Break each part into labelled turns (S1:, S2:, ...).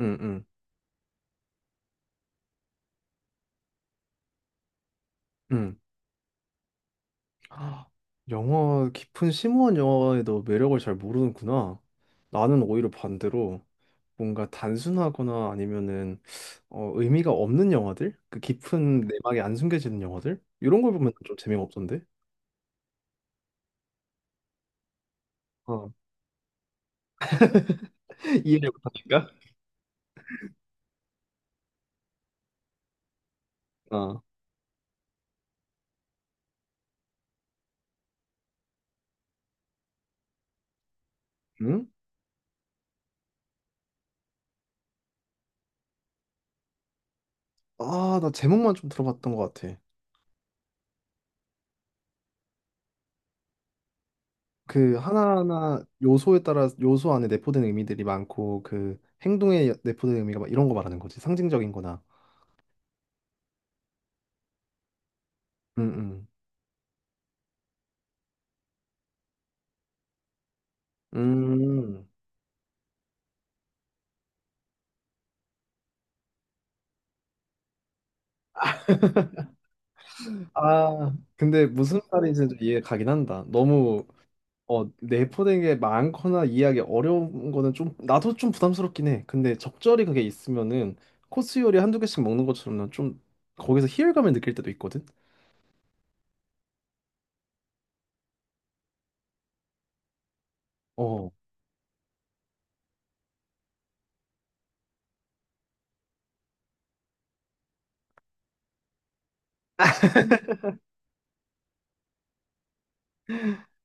S1: 응, 응, 응. 아, 영어, 깊은 심오한 영어에도 매력을 잘 모르는구나. 나는 오히려 반대로 뭔가 단순하거나 아니면은 의미가 없는 영화들? 그 깊은 내막에 안 숨겨지는 영화들? 이런 걸 보면 좀 재미가 없던데? 어. 이해를 못하니까? 어. 응? 아, 나 제목만 좀 들어봤던 것 같아. 그 하나하나 요소에 따라 요소 안에 내포된 의미들이 많고 그 행동에 내포된 의미가 막 이런 거 말하는 거지. 상징적인 거나. 응, 응. 음. 아, 근데 무슨 말인지 좀 이해 가긴 한다. 너무 내포된 게 많거나 이해하기 어려운 거는 좀 나도 좀 부담스럽긴 해. 근데 적절히 그게 있으면은 코스 요리 한두 개씩 먹는 것처럼 좀 거기서 희열감을 느낄 때도 있거든. 어.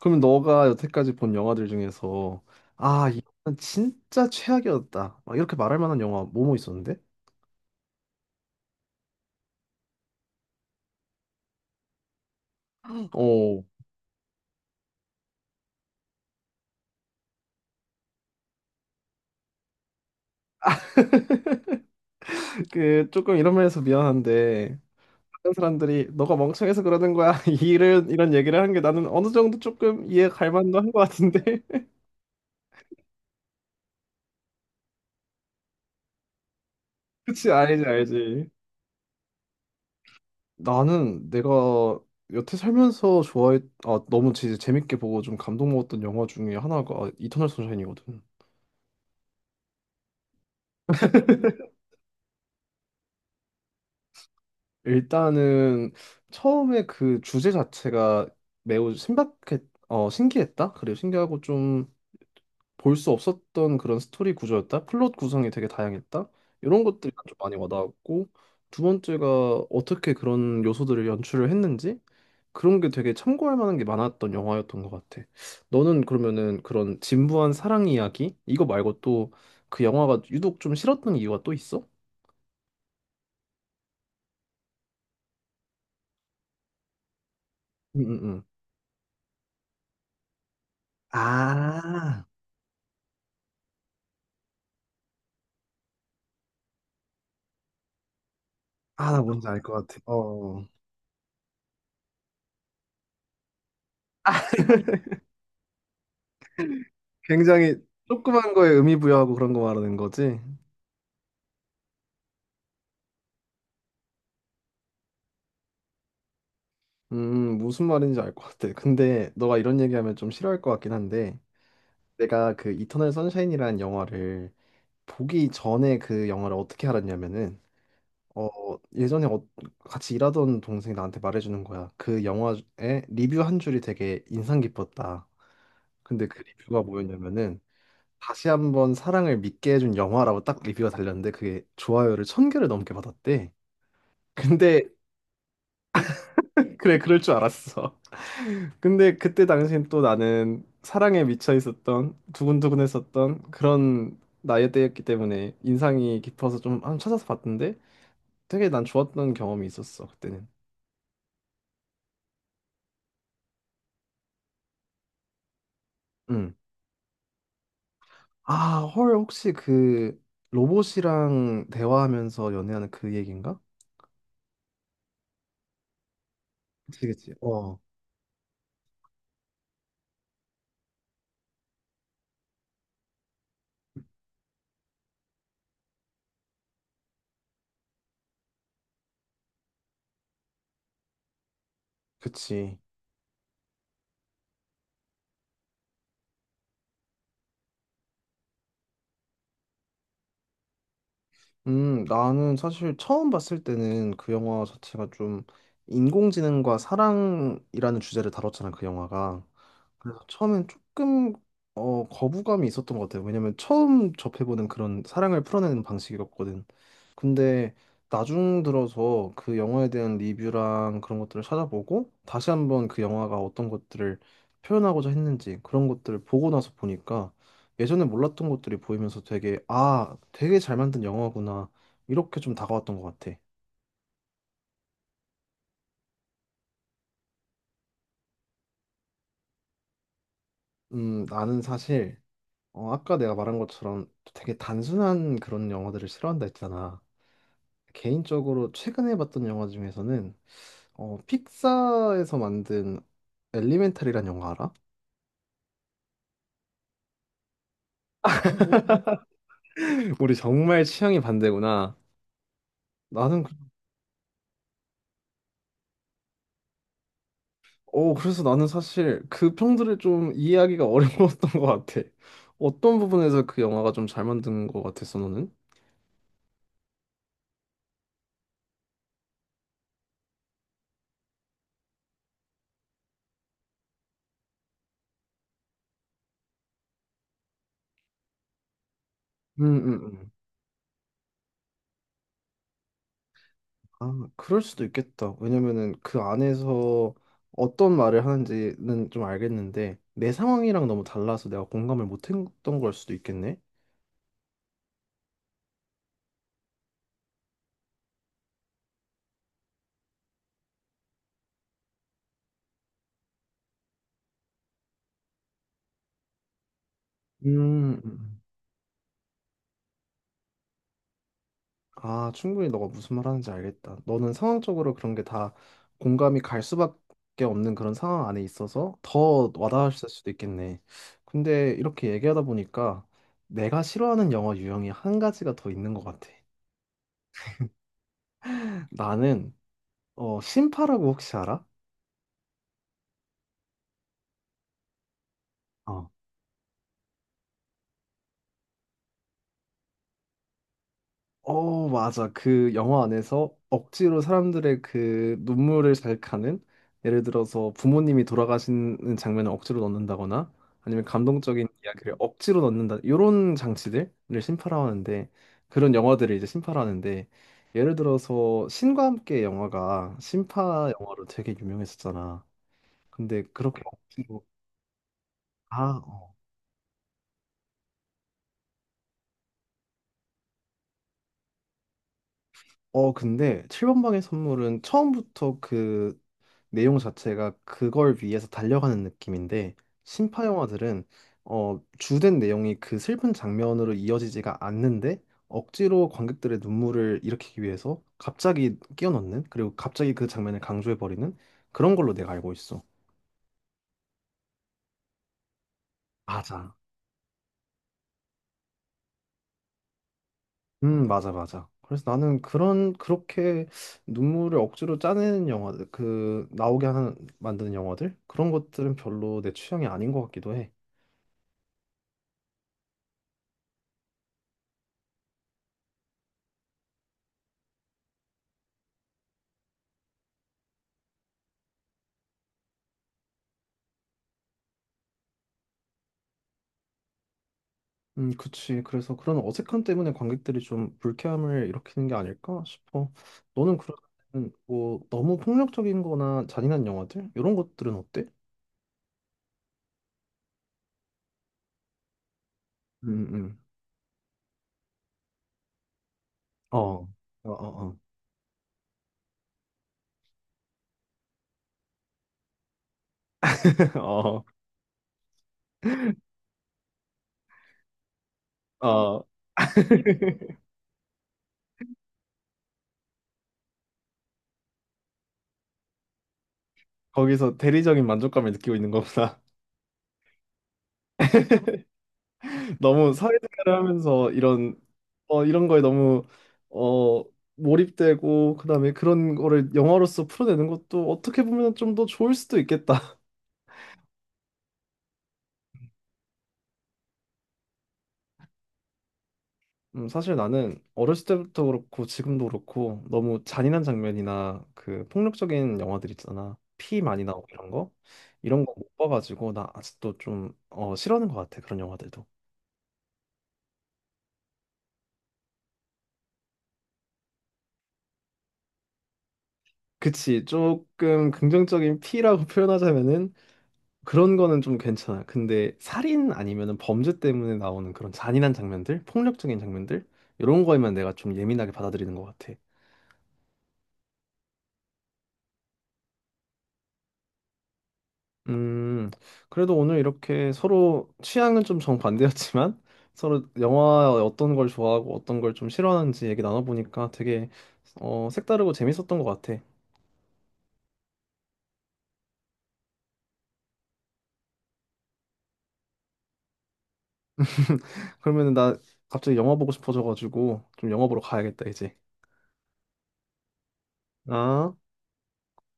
S1: 그러면 너가 여태까지 본 영화들 중에서 아, 이건 진짜 최악이었다. 막 이렇게 말할 만한 영화 뭐뭐 있었는데? 어. 그 조금 이런 면에서 미안한데 다른 사람들이 너가 멍청해서 그러는 거야 이런 얘기를 하는 게 나는 어느 정도 조금 이해 갈 만도 한 것 같은데 그치, 알지, 알지. 나는 내가 여태 살면서 좋아했 아 너무 진짜 재밌게 보고 좀 감동 먹었던 영화 중에 하나가 이터널 선샤인이거든. 일단은 처음에 그 주제 자체가 매우 신박했 어 신기했다 그리고 신기하고 좀 볼 수 없었던 그런 스토리 구조였다. 플롯 구성이 되게 다양했다. 이런 것들이 좀 많이 와닿았고, 두 번째가 어떻게 그런 요소들을 연출을 했는지, 그런 게 되게 참고할 만한 게 많았던 영화였던 것 같아. 너는 그러면은 그런 진부한 사랑 이야기 이거 말고 또 그 영화가 유독 좀 싫었던 이유가 또 있어? 응응응. 아, 아, 나 뭔지 알 것 같아. 어. 굉장히 조그만 거에 의미 부여하고 그런 거 말하는 거지? 무슨 말인지 알 것 같아. 근데 너가 이런 얘기하면 좀 싫어할 것 같긴 한데, 내가 그 이터널 선샤인이라는 영화를 보기 전에 그 영화를 어떻게 알았냐면은, 어, 예전에 같이 일하던 동생이 나한테 말해주는 거야. 그 영화에 리뷰 한 줄이 되게 인상 깊었다. 근데 그 리뷰가 뭐였냐면은, 다시 한번 사랑을 믿게 해준 영화라고 딱 리뷰가 달렸는데, 그게 좋아요를 천 개를 넘게 받았대. 근데 그래, 그럴 줄 알았어. 근데 그때 당시엔 또 나는 사랑에 미쳐 있었던, 두근두근했었던 그런 나이대였기 때문에 인상이 깊어서 좀 한번 찾아서 봤는데 되게 난 좋았던 경험이 있었어, 그때는. 응. 아, 헐, 혹시 그 로봇이랑 대화하면서 연애하는 그 얘기인가? 그치, 그치. 어, 그치. 나는 사실 처음 봤을 때는 그 영화 자체가 좀 인공지능과 사랑이라는 주제를 다뤘잖아, 그 영화가. 그래서 처음엔 조금 거부감이 있었던 것 같아요. 왜냐면 처음 접해보는 그런 사랑을 풀어내는 방식이었거든. 근데 나중 들어서 그 영화에 대한 리뷰랑 그런 것들을 찾아보고 다시 한번 그 영화가 어떤 것들을 표현하고자 했는지 그런 것들을 보고 나서 보니까 예전에 몰랐던 것들이 보이면서 되게 아, 되게 잘 만든 영화구나. 이렇게 좀 다가왔던 것 같아. 나는 사실 아까 내가 말한 것처럼 되게 단순한 그런 영화들을 싫어한다 했잖아. 개인적으로 최근에 봤던 영화 중에서는 픽사에서 만든 엘리멘탈이란 영화 알아? 우리 정말 취향이 반대구나. 나는 그- 어, 그래서 나는 사실 그 평들을 좀 이해하기가 어려웠던 것 같아. 어떤 부분에서 그 영화가 좀 잘 만든 것 같았어, 너는? 응응응. 아, 그럴 수도 있겠다. 왜냐면은 그 안에서 어떤 말을 하는지는 좀 알겠는데 내 상황이랑 너무 달라서 내가 공감을 못했던 걸 수도 있겠네. 음. 음. 아, 충분히 너가 무슨 말 하는지 알겠다. 너는 상황적으로 그런 게 다 공감이 갈 수밖에 없는 그런 상황 안에 있어서 더 와닿을 수도 있겠네. 근데 이렇게 얘기하다 보니까 내가 싫어하는 영화 유형이 한 가지가 더 있는 것 같아. 나는 신파라고 혹시 알아? 어, 맞아. 그 영화 안에서 억지로 사람들의 그 눈물을 잘하는, 예를 들어서 부모님이 돌아가시는 장면을 억지로 넣는다거나 아니면 감동적인 이야기를 억지로 넣는다. 이런 장치들을 심파라하는데, 그런 영화들을 이제 심파라는데, 예를 들어서 신과 함께 영화가 심파 영화로 되게 유명했었잖아. 근데 그렇게 억지로 아, 근데 7번 방의 선물은 처음부터 그 내용 자체가 그걸 위해서 달려가는 느낌인데 신파 영화들은 주된 내용이 그 슬픈 장면으로 이어지지가 않는데 억지로 관객들의 눈물을 일으키기 위해서 갑자기 끼워넣는, 그리고 갑자기 그 장면을 강조해버리는 그런 걸로 내가 알고 있어. 맞아. 맞아, 맞아. 그래서 나는 그런 그렇게 눈물을 억지로 짜내는 영화들, 그 나오게 하는 만드는 영화들 그런 것들은 별로 내 취향이 아닌 것 같기도 해. 그치. 그래서 그런 어색함 때문에 관객들이 좀 불쾌함을 일으키는 게 아닐까 싶어. 너는 그러면 뭐 너무 폭력적인 거나 잔인한 영화들? 이런 것들은 어때? 음, 음. 어. 어, 어, 어. 어, 어. 거기서 대리적인 만족감을 느끼고 있는 거구나. 너무 사회생활을 하면서 이런 이런 거에 너무 어 몰입되고 그다음에 그런 거를 영화로서 풀어내는 것도 어떻게 보면 좀 더 좋을 수도 있겠다. 사실 나는 어렸을 때부터 그렇고 지금도 그렇고 너무 잔인한 장면이나 그 폭력적인 영화들 있잖아. 피 많이 나오고 이런 거 이런 거 못 봐가지고 나 아직도 좀 싫어하는 것 같아 그런 영화들도. 그치, 조금 긍정적인 피라고 표현하자면은 그런 거는 좀 괜찮아. 근데 살인 아니면은 범죄 때문에 나오는 그런 잔인한 장면들, 폭력적인 장면들 이런 거에만 내가 좀 예민하게 받아들이는 것 같아. 음, 그래도 오늘 이렇게 서로 취향은 좀 정반대였지만 서로 영화 어떤 걸 좋아하고 어떤 걸 좀 싫어하는지 얘기 나눠보니까 되게 색다르고 재밌었던 것 같아. 그러면 나 갑자기 영화 보고 싶어져가지고 좀 영화 보러 가야겠다, 이제. 아.